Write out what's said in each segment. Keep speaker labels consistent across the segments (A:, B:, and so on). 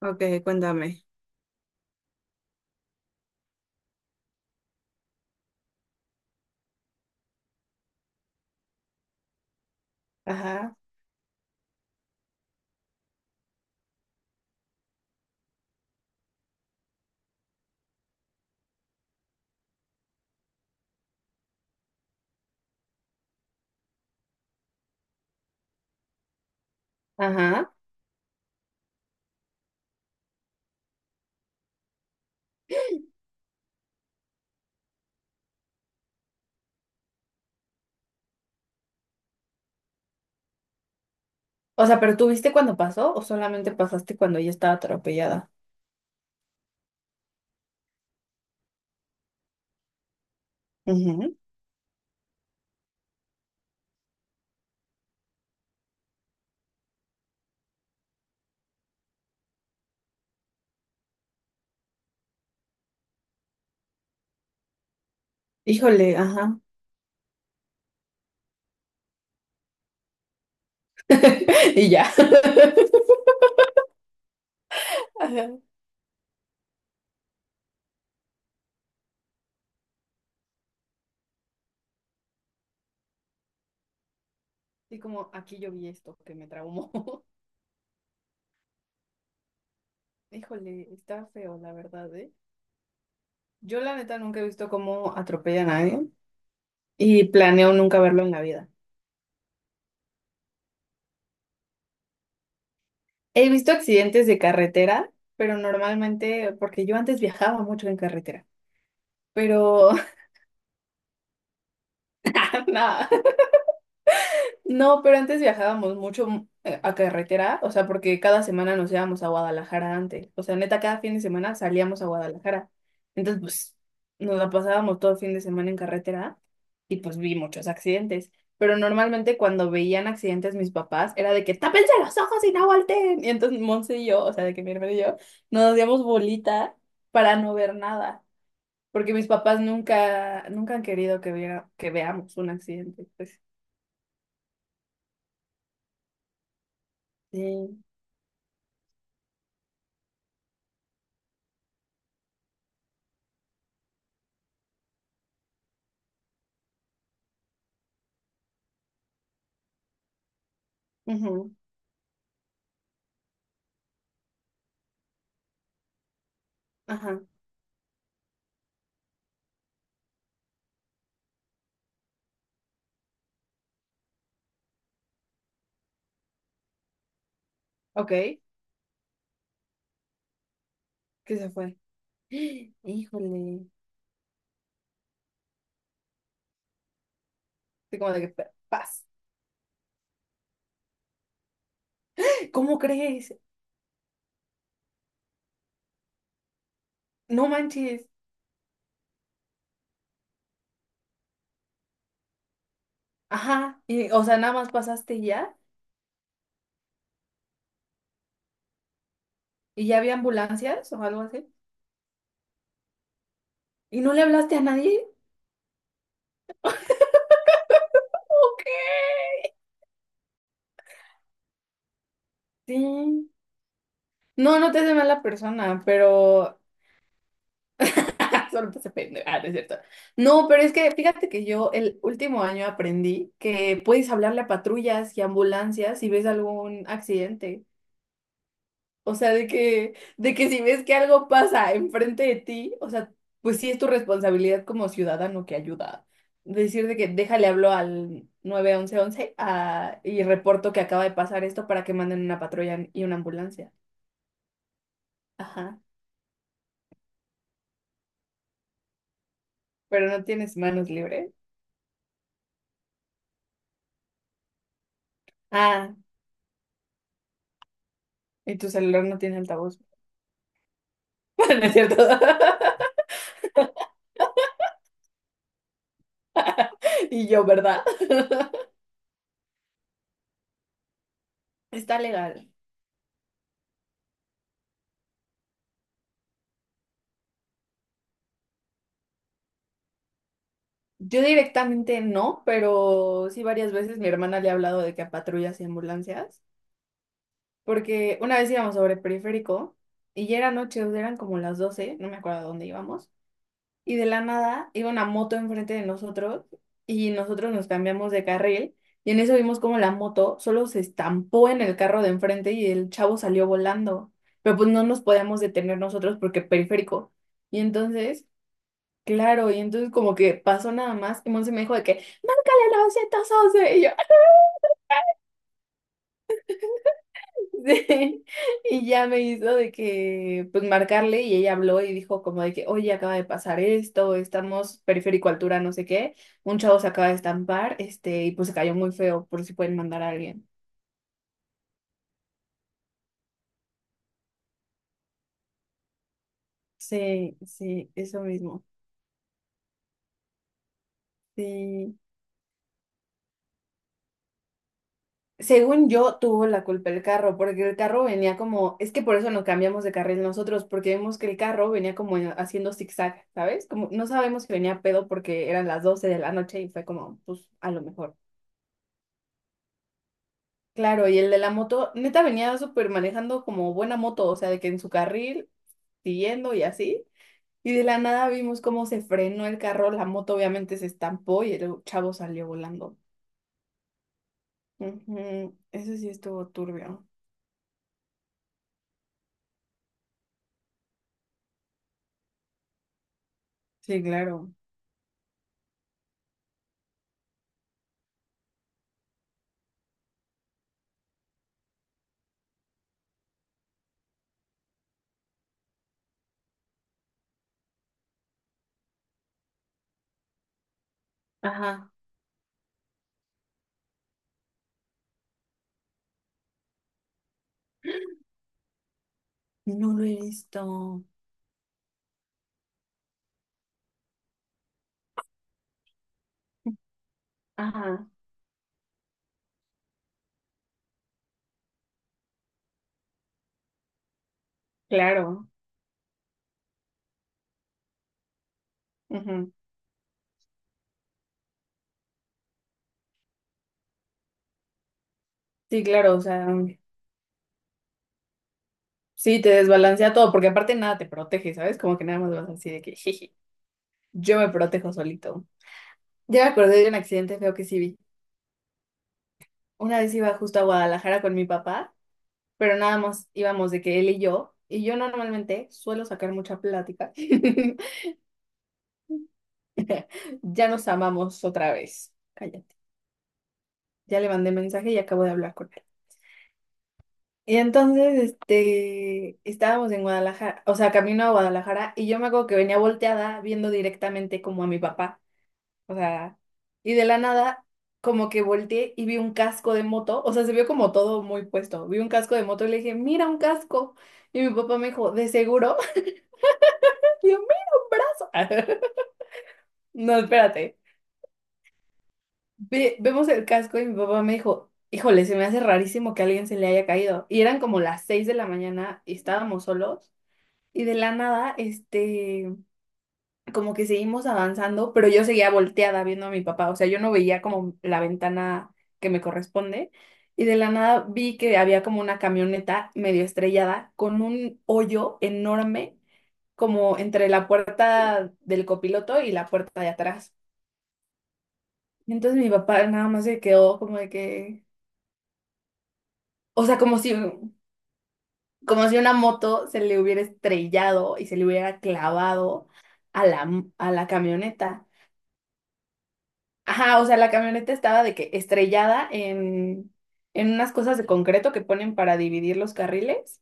A: Ok, cuéntame. Ajá, ajá. O sea, ¿pero tú viste cuando pasó o solamente pasaste cuando ella estaba atropellada? Ujú. Híjole, ajá. Y ya. Ajá. Y como aquí yo vi esto que me traumó. Híjole, está feo, la verdad, ¿eh? Yo la neta nunca he visto cómo atropella a nadie y planeo nunca verlo en la vida. He visto accidentes de carretera, pero normalmente, porque yo antes viajaba mucho en carretera, pero nada. No, pero antes viajábamos mucho a carretera, o sea, porque cada semana nos íbamos a Guadalajara antes. O sea, neta, cada fin de semana salíamos a Guadalajara. Entonces, pues, nos la pasábamos todo el fin de semana en carretera y pues vi muchos accidentes. Pero normalmente cuando veían accidentes mis papás, era de que tápense los ojos y no volteen. Y entonces Monse y yo, o sea, de que mi hermano y yo, nos hacíamos bolita para no ver nada. Porque mis papás nunca, nunca han querido que viera, que veamos un accidente. Pues sí. Ujú. Ajá, ok, que se fue. Híjole, estoy como de que paz". ¿Cómo crees? No manches. Ajá, y, o sea, nada más pasaste y ya había ambulancias o algo así. ¿Y no le hablaste a nadie? Sí. No, no te hace mala persona, pero solo te hace pendeja, ah, no es cierto. No, pero es que fíjate que yo el último año aprendí que puedes hablarle a patrullas y ambulancias si ves algún accidente. O sea, de que si ves que algo pasa enfrente de ti, o sea, pues sí es tu responsabilidad como ciudadano que ayuda. Decir de que déjale hablo al 911 a, y reporto que acaba de pasar esto para que manden una patrulla y una ambulancia. Ajá. Pero no tienes manos libres. Ah, y tu celular no tiene altavoz. No es cierto. Y yo, ¿verdad? Está legal. Yo directamente no, pero sí varias veces mi hermana le ha hablado de que a patrullas y ambulancias, porque una vez íbamos sobre el periférico y ya era noche, o sea, eran como las 12, no me acuerdo a dónde íbamos, y de la nada iba una moto enfrente de nosotros y nosotros nos cambiamos de carril y en eso vimos como la moto solo se estampó en el carro de enfrente y el chavo salió volando, pero pues no nos podíamos detener nosotros porque periférico. Y entonces, claro, y entonces como que pasó nada más y Monse me dijo de que, márcale 911, y yo... Sí, y ya me hizo de que, pues, marcarle y ella habló y dijo como de que, oye, acaba de pasar esto, estamos periférico altura, no sé qué, un chavo se acaba de estampar, este, y pues se cayó muy feo, por si pueden mandar a alguien. Sí, sí, eso mismo. Sí. Según yo, tuvo la culpa el carro, porque el carro venía como, es que por eso nos cambiamos de carril nosotros, porque vimos que el carro venía como haciendo zigzag, ¿sabes? Como no sabemos que venía pedo porque eran las 12 de la noche y fue como, pues a lo mejor. Claro, y el de la moto, neta venía súper manejando como buena moto, o sea, de que en su carril, siguiendo y así. Y de la nada vimos cómo se frenó el carro, la moto obviamente se estampó y el chavo salió volando. Ujú, eso sí estuvo turbio. Sí, claro. Ajá. No lo he visto. Ajá, claro. Ujú. Sí, claro, o sea, sí, te desbalancea todo, porque aparte nada te protege, ¿sabes? Como que nada más vas así de que, jeje, yo me protejo solito. Ya me acordé de un accidente feo que sí vi. Una vez iba justo a Guadalajara con mi papá, pero nada más íbamos de que él y yo normalmente suelo sacar mucha plática. Ya nos amamos otra vez. Cállate. Ya le mandé mensaje y acabo de hablar con él. Y entonces, este, estábamos en Guadalajara, o sea, camino a Guadalajara, y yo me acuerdo que venía volteada viendo directamente como a mi papá. O sea, y de la nada, como que volteé y vi un casco de moto. O sea, se vio como todo muy puesto. Vi un casco de moto y le dije, mira, un casco. Y mi papá me dijo, ¿de seguro? Y yo, mira, un brazo. No, espérate. Vemos el casco y mi papá me dijo, híjole, se me hace rarísimo que a alguien se le haya caído. Y eran como las 6 de la mañana y estábamos solos. Y de la nada, este, como que seguimos avanzando, pero yo seguía volteada viendo a mi papá, o sea, yo no veía como la ventana que me corresponde. Y de la nada vi que había como una camioneta medio estrellada con un hoyo enorme como entre la puerta del copiloto y la puerta de atrás. Y entonces mi papá nada más se quedó como de que, o sea, como si una moto se le hubiera estrellado y se le hubiera clavado a la, a la camioneta. Ajá, o sea, la camioneta estaba de que estrellada en unas cosas de concreto que ponen para dividir los carriles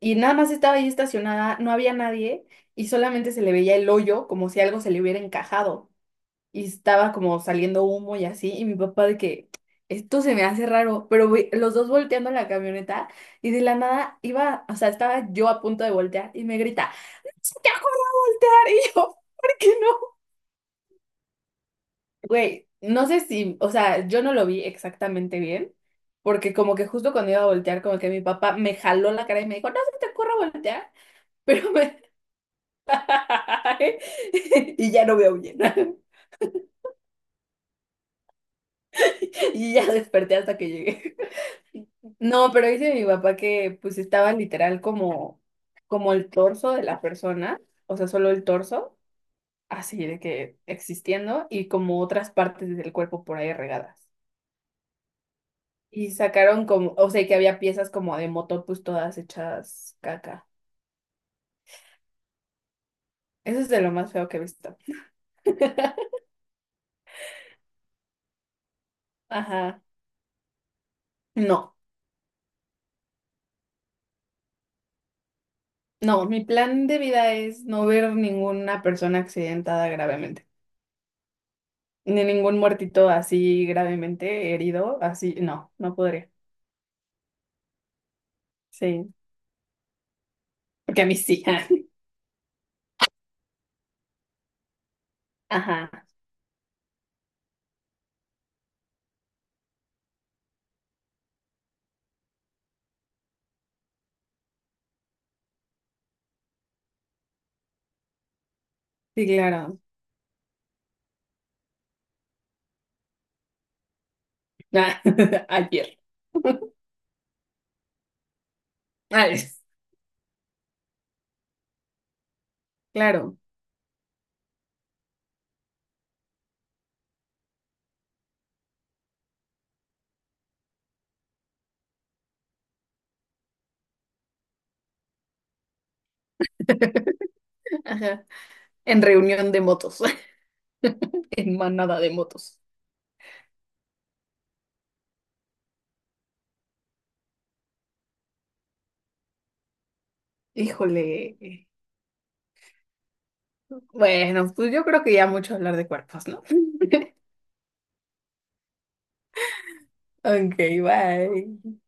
A: y nada más estaba ahí estacionada, no había nadie y solamente se le veía el hoyo como si algo se le hubiera encajado y estaba como saliendo humo y así y mi papá de que esto se me hace raro, pero güey, los dos volteando la camioneta y de la nada iba, o sea, estaba yo a punto de voltear y me grita, "¡No se te ocurra voltear!" Y yo, ¿por qué no? Güey, no sé si, o sea, yo no lo vi exactamente bien, porque como que justo cuando iba a voltear, como que mi papá me jaló la cara y me dijo, no se te ocurra voltear, pero me... Y ya no veo bien. Y ya desperté hasta que llegué. No, pero dice mi papá que pues estaba literal como, como el torso de la persona, o sea, solo el torso, así de que existiendo, y como otras partes del cuerpo por ahí regadas. Y sacaron como, o sea, que había piezas como de moto, pues todas hechas caca. Eso es de lo más feo que he visto. Ajá. No, no, mi plan de vida es no ver ninguna persona accidentada gravemente, ni ningún muertito así gravemente herido, así, no, no podría. Sí, porque a mí sí. Ajá, sí, claro. Ah, ayer. Ay, claro. Ajá. En reunión de motos, en manada de motos. Híjole. Bueno, pues yo creo que ya mucho hablar de cuerpos, ¿no? Ok, bye.